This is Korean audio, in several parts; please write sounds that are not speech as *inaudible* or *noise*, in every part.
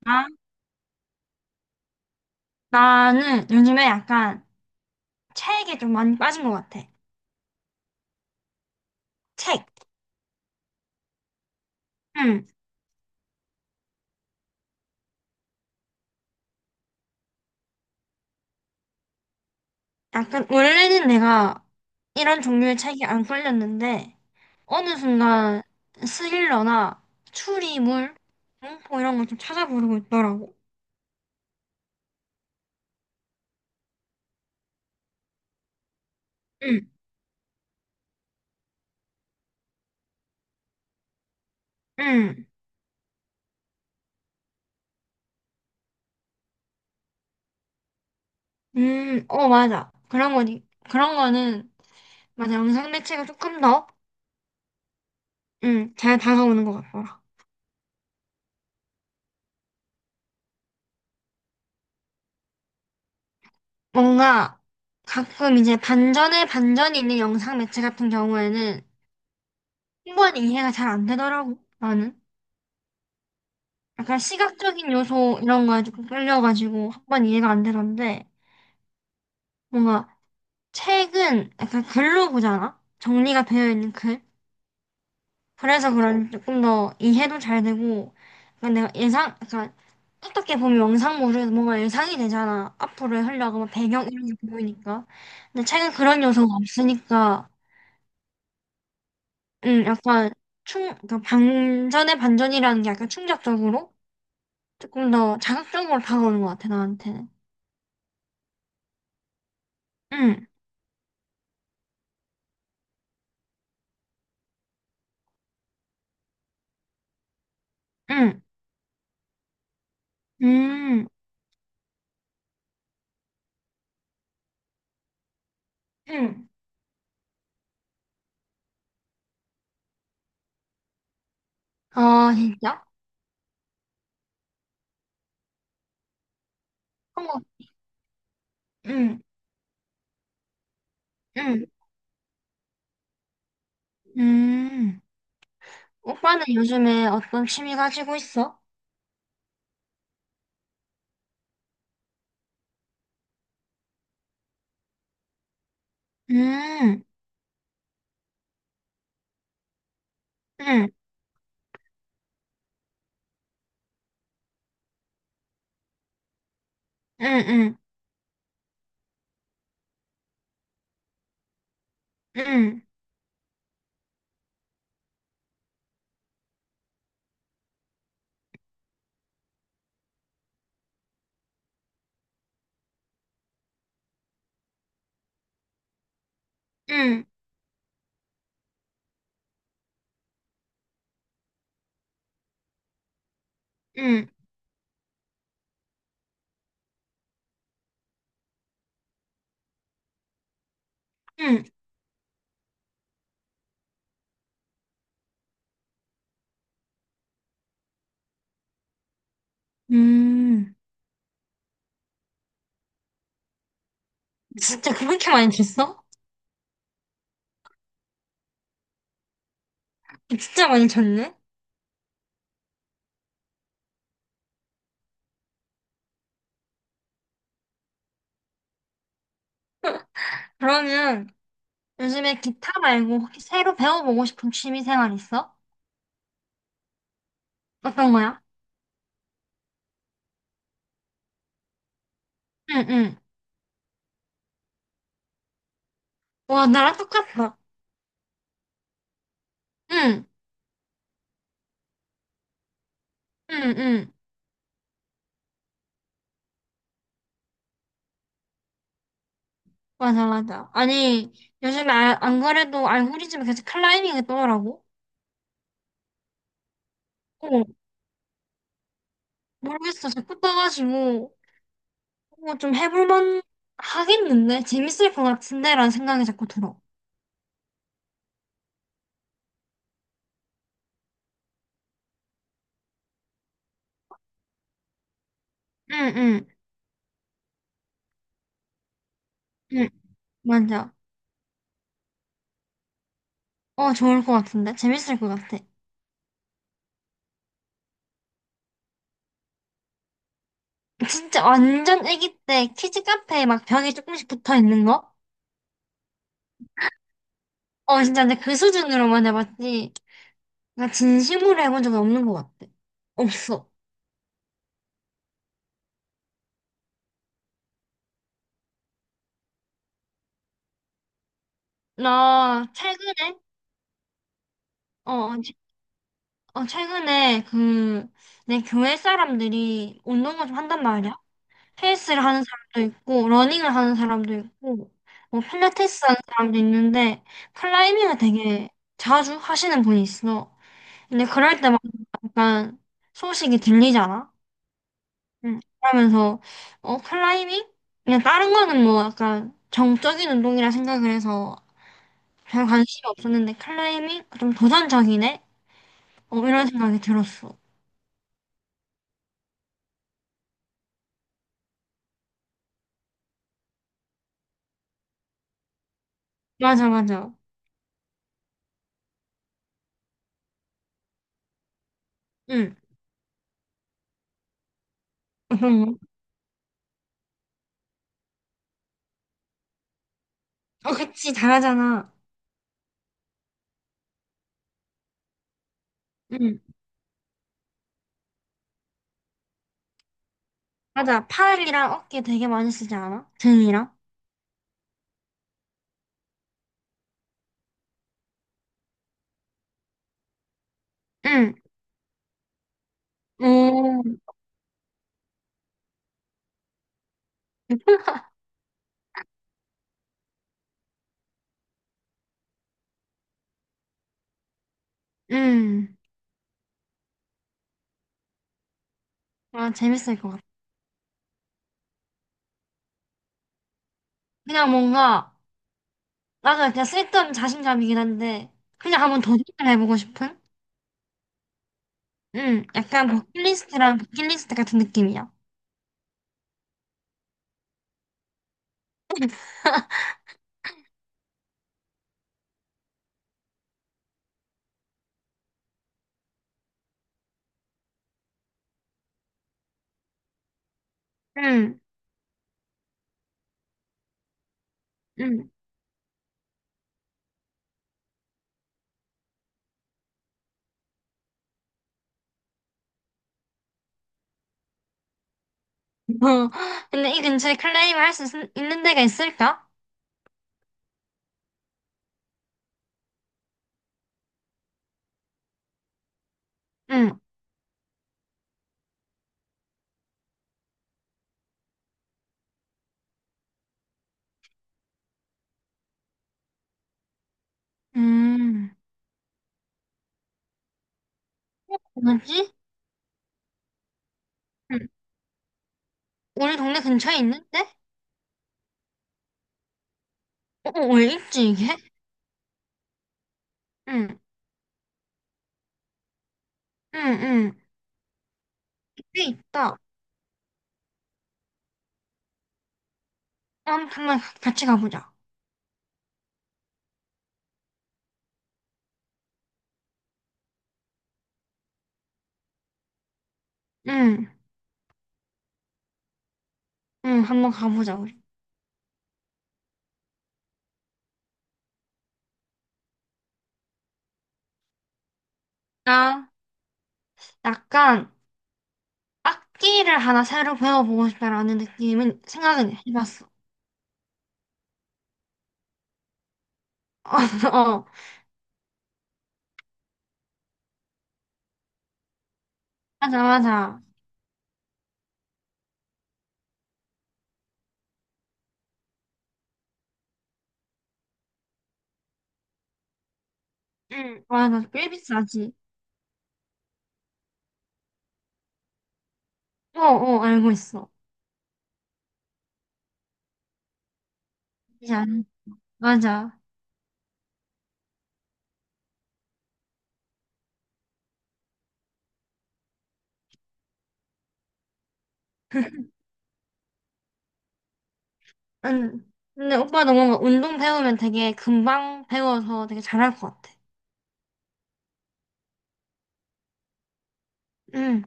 나? 나는 요즘에 약간 책에 좀 많이 빠진 것 같아. 책. 응. 약간 원래는 내가 이런 종류의 책이 안 끌렸는데 어느 순간 스릴러나 추리물, 공포 이런 걸 좀 찾아보려고 했더라고. 응. 응. 어, 맞아. 그런 거니? 그런 거는 맞아. 영상 매체가 조금 더, 응, 잘 다가오는 것 같더라. 뭔가 가끔 이제 반전에 반전이 있는 영상 매체 같은 경우에는 충분히 이해가 잘 안 되더라고, 나는. 약간 시각적인 요소 이런 거에 조금 끌려가지고 한 번 이해가 안 되던데, 뭔가 책은 약간 글로 보잖아? 정리가 되어 있는 글. 그래서 그런지 조금 더 이해도 잘 되고, 약간 내가 예상, 약간 어떻게 보면 영상물은 뭔가 예상이 되잖아. 앞으로의 흘러가 뭐 배경 이런 게 보이니까. 근데 책은 그런 요소가 없으니까, 약간 그러니까 반전의 반전이라는 게 약간 충격적으로? 조금 더 자극적으로 다가오는 것 같아, 나한테는. 응, 응, 응, 응. 아, 진짜? 한국, 응, 응, 응. 오빠는 요즘에 어떤 취미 가지고 있어? 응, 응, 응, 응, 응, 응, 응, 응. 음, 진짜 그렇게 많이 쳤어? 진짜 많이 쳤네? 그러면 요즘에 기타 말고 혹시 새로 배워보고 싶은 취미 생활 있어? 어떤 거야? 응, 응. 와, 나랑 똑같다. 응. 응, 응. 맞아, 맞아. 아니, 요즘에 안 그래도 알고리즘에 계속 클라이밍이 떠더라고. 어, 모르겠어. 자꾸 떠가지고, 이거 좀 해볼만 하겠는데? 재밌을 것 같은데? 라는 생각이 자꾸 들어. 응, 응, 응. 맞아. 어, 좋을 것 같은데? 재밌을 것 같아. 진짜 완전 애기 때 키즈 카페에 막 벽에 조금씩 붙어 있는 거? 어, 진짜 근데 그 수준으로만 해봤지. 나 진심으로 해본 적이 없는 것 같아. 없어. 나 최근에, 어, 어, 최근에 그, 내 교회 사람들이 운동을 좀 한단 말이야. 헬스를 하는 사람도 있고, 러닝을 하는 사람도 있고, 뭐, 필라테스 하는 사람도 있는데, 클라이밍을 되게 자주 하시는 분이 있어. 근데 그럴 때마다 약간 소식이 들리잖아. 응. 그러면서, 어, 클라이밍? 그냥 다른 거는 뭐 약간 정적인 운동이라 생각을 해서 별 관심이 없었는데, 클라이밍? 좀 도전적이네? 어, 이런 생각이 들었어. 맞아, 맞아. 응. 응. 어, 그치, 잘하잖아. 응. 맞아. 팔이랑 어깨 되게 많이 쓰지 않아? 등이랑? 응. 오, 응. 아, 재밌을 것 같아. 그냥 뭔가, 나도 그냥 쓸데없는 자신감이긴 한데, 그냥 한번 도전을 해보고 싶은? 응. 약간 버킷리스트랑 버킷리스트 같은 느낌이야. 응, 응. 어, 근데 이 근처에 클레임 할 수 있는 데가 있을까? 응. 음, 뭐지? 응. 우리 동네 근처에 있는데? 어, 어, 왜 있지, 이게? 응. 응, 응. 꽤 있다. 한, 같이 가보자. 응, 응, 한번 가보자, 우리. 나, 약간, 악기를 하나 새로 배워보고 싶다라는 느낌은 생각은 해봤어. *laughs* 어, 어. 맞아, 맞아. 응, 맞아. 꽤 비싸지. 어, 어, 알고 있어. 맞아, 맞아. *laughs* 응. 근데 오빠 너무 운동 배우면 되게 금방 배워서 되게 잘할 것 같아. 응,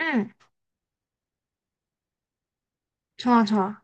응. 좋아, 좋아.